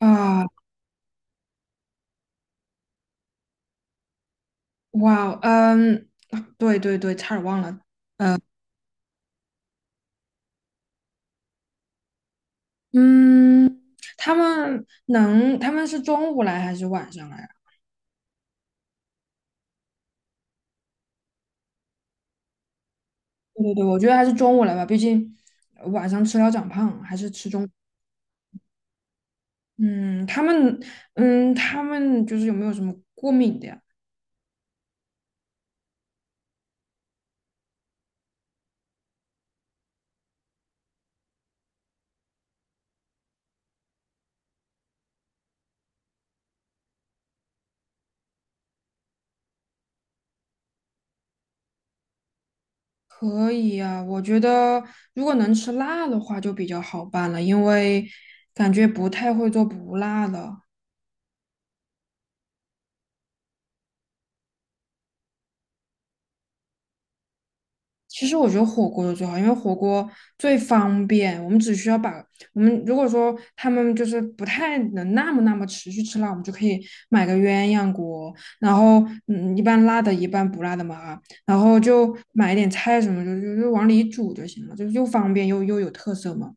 啊，哇，嗯，啊对对对，差点忘了。嗯，他们能，他们是中午来还是晚上来啊？对对对，我觉得还是中午来吧，毕竟晚上吃了长胖，还是吃中午。嗯，他们，嗯，他们就是有没有什么过敏的呀？可以呀，我觉得如果能吃辣的话就比较好办了，因为感觉不太会做不辣的。其实我觉得火锅的最好，因为火锅最方便。我们只需要把我们如果说他们就是不太能那么持续吃辣，我们就可以买个鸳鸯锅，然后一半辣的，一半不辣的嘛啊，然后就买一点菜什么，就往里煮就行了，就又方便又有特色嘛。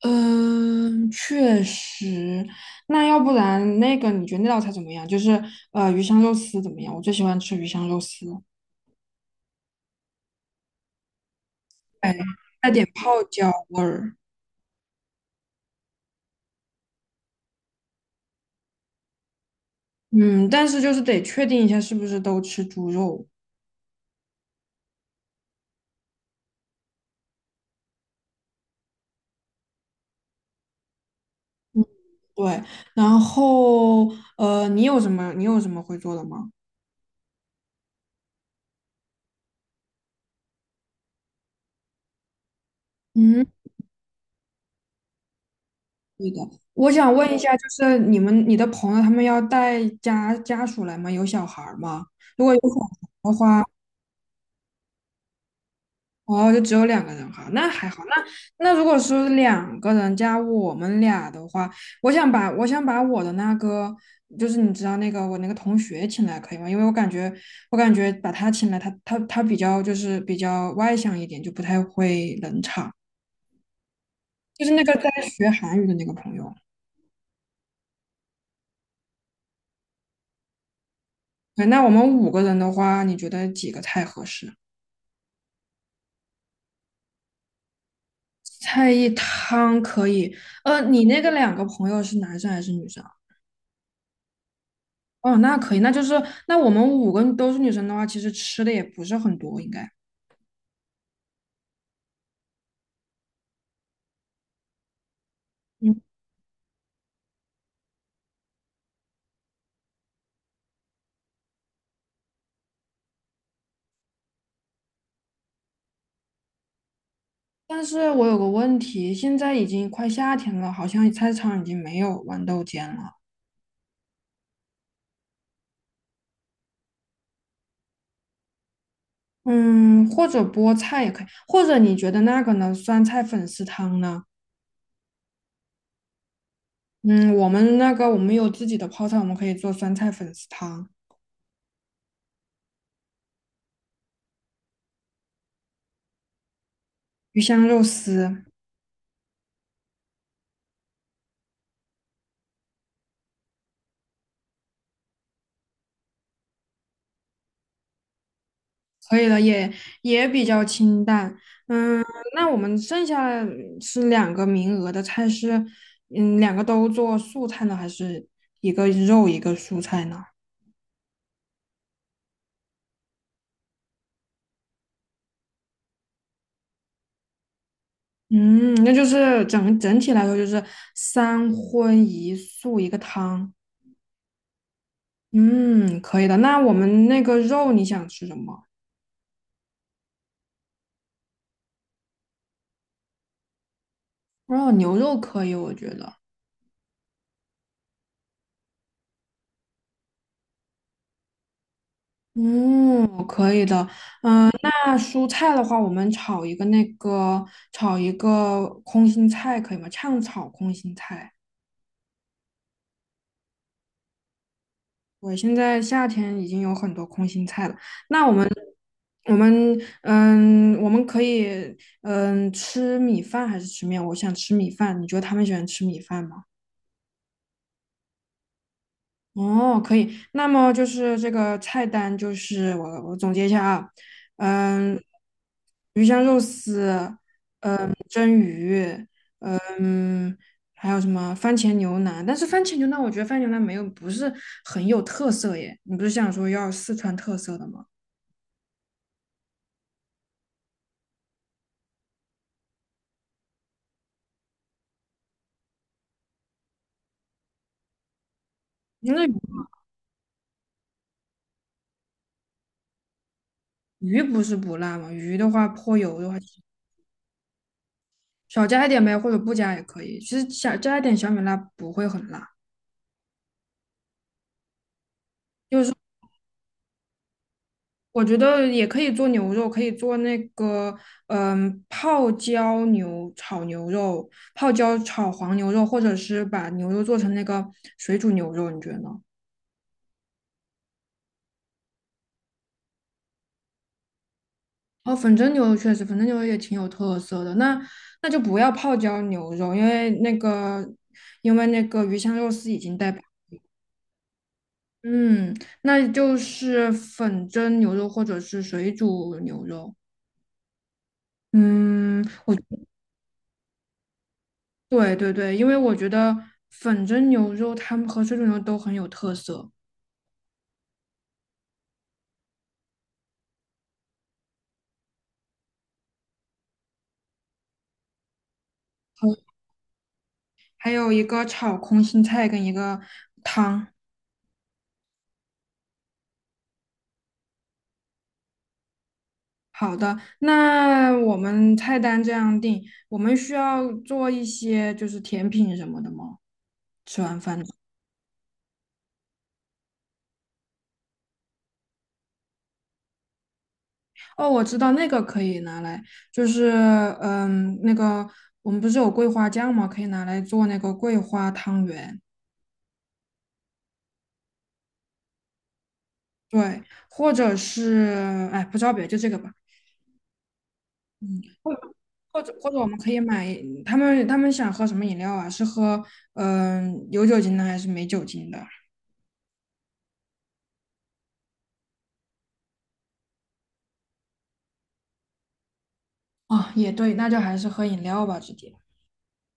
嗯，确实。那要不然那个你觉得那道菜怎么样？就是鱼香肉丝怎么样？我最喜欢吃鱼香肉丝，哎，带点泡椒味儿。嗯，但是就是得确定一下是不是都吃猪肉。嗯，对，然后你有什么会做的吗？嗯，对的，我想问一下，就是你的朋友他们要带家属来吗？有小孩儿吗？如果有小孩儿的话，哦，就只有两个人哈，那还好。那如果是两个人加我们俩的话，我想把我的那个，就是你知道那个我那个同学请来可以吗？因为我感觉把他请来，他比较就是比较外向一点，就不太会冷场。就是那个在学韩语的那个朋友。对，那我们五个人的话，你觉得几个菜合适？菜一汤可以。呃，你那个两个朋友是男生还是女生？哦，那可以，那就是那我们五个都是女生的话，其实吃的也不是很多，应该。嗯，但是我有个问题，现在已经快夏天了，好像菜市场已经没有豌豆尖了。嗯，或者菠菜也可以，或者你觉得那个呢？酸菜粉丝汤呢？嗯，我们有自己的泡菜，我们可以做酸菜粉丝汤、鱼香肉丝。可以的，也也比较清淡。嗯，那我们剩下是两个名额的菜是，嗯，两个都做素菜呢，还是一个肉一个蔬菜呢？嗯，那就是整体来说就是三荤一素一个汤。嗯，可以的。那我们那个肉你想吃什么？牛肉可以，我觉得。那蔬菜的话，我们炒一个那个炒一个空心菜可以吗？炝炒空心菜。我现在夏天已经有很多空心菜了，那我们嗯，我们可以吃米饭还是吃面？我想吃米饭，你觉得他们喜欢吃米饭吗？哦，可以。那么就是这个菜单，就是我总结一下啊。嗯，鱼香肉丝、蒸鱼，嗯，还有什么番茄牛腩？但是番茄牛腩，我觉得番茄牛腩没有不是很有特色耶。你不是想说要四川特色的吗？因为。鱼不是不辣吗？鱼的话泼油的话，少加一点呗，或者不加也可以。其实小加一点小米辣不会很辣，我觉得也可以做牛肉，可以做那个泡椒牛炒牛肉、泡椒炒黄牛肉，或者是把牛肉做成那个水煮牛肉，你觉得呢？哦，粉蒸牛肉确实，粉蒸牛肉也挺有特色的。那就不要泡椒牛肉，因为那个鱼香肉丝已经带泡。嗯，那就是粉蒸牛肉或者是水煮牛肉。嗯，对对对，因为我觉得粉蒸牛肉它们和水煮牛肉都很有特色，还还有一个炒空心菜跟一个好的。那我们菜单这样定，我们需要做一些就是甜品什么的吗？吃完饭。哦，我知道那个可以拿来，就是嗯，那个我们不是有桂花酱吗？可以拿来做那个桂花汤圆。对，或者是哎，不知道别的就这个吧。嗯，或者我们可以买他们想喝什么饮料啊？是喝有酒精的还是没酒精的？啊，也对，那就还是喝饮料吧，直接。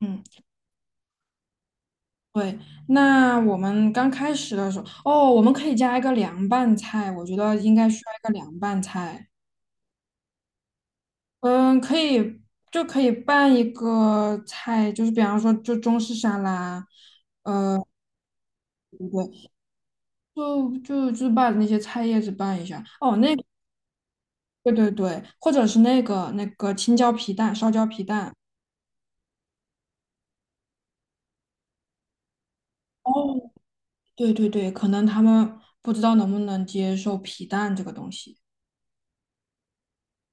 嗯，对，那我们刚开始的时候，哦，我们可以加一个凉拌菜，我觉得应该需要一个凉拌菜。嗯，可以，就可以拌一个菜，就是比方说，就中式沙拉，对不对？就把那些菜叶子拌一下。哦，那个对对对，或者是那个青椒皮蛋，烧椒皮蛋。哦，对对对，可能他们不知道能不能接受皮蛋这个东西。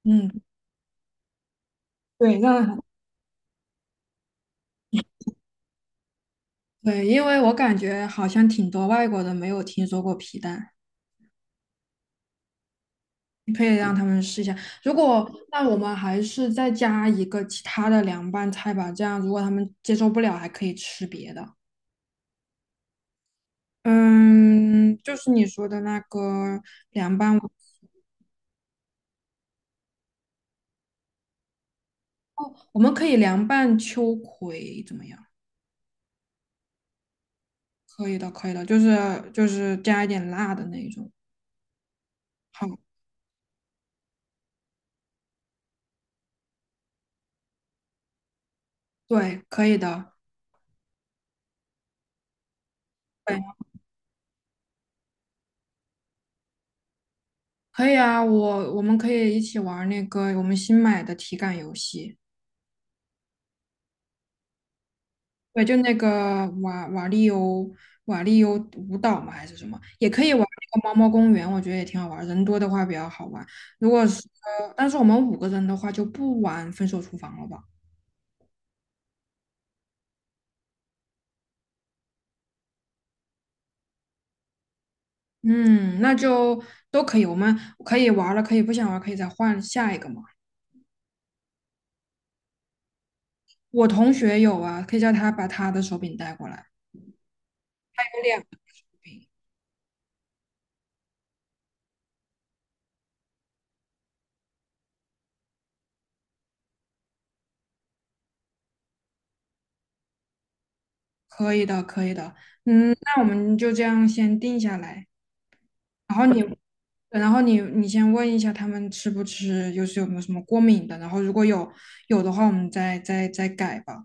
嗯，对，让对，因为我感觉好像挺多外国人没有听说过皮蛋。可以让他们试一下。如果那我们还是再加一个其他的凉拌菜吧，这样如果他们接受不了，还可以吃别的。嗯，就是你说的那个凉拌，我们可以凉拌秋葵怎么样？可以的，可以的，就是加一点辣的那一种。好，对，可以的，对，可以啊。我们可以一起玩那个我们新买的体感游戏。对，就那个瓦力欧舞蹈嘛，还是什么，也可以玩那个猫猫公园，我觉得也挺好玩儿，人多的话比较好玩。如果是但是我们五个人的话就不玩分手厨房了吧？嗯，那就都可以，我们可以玩儿了，可以不想玩儿可以再换下一个嘛。我同学有啊，可以叫他把他的手柄带过来，有两个柄，可以的，可以的。嗯，那我们就这样先定下来。然后你，然后你先问一下他们吃不吃，就是有没有什么过敏的，然后如果有的话，我们再改吧。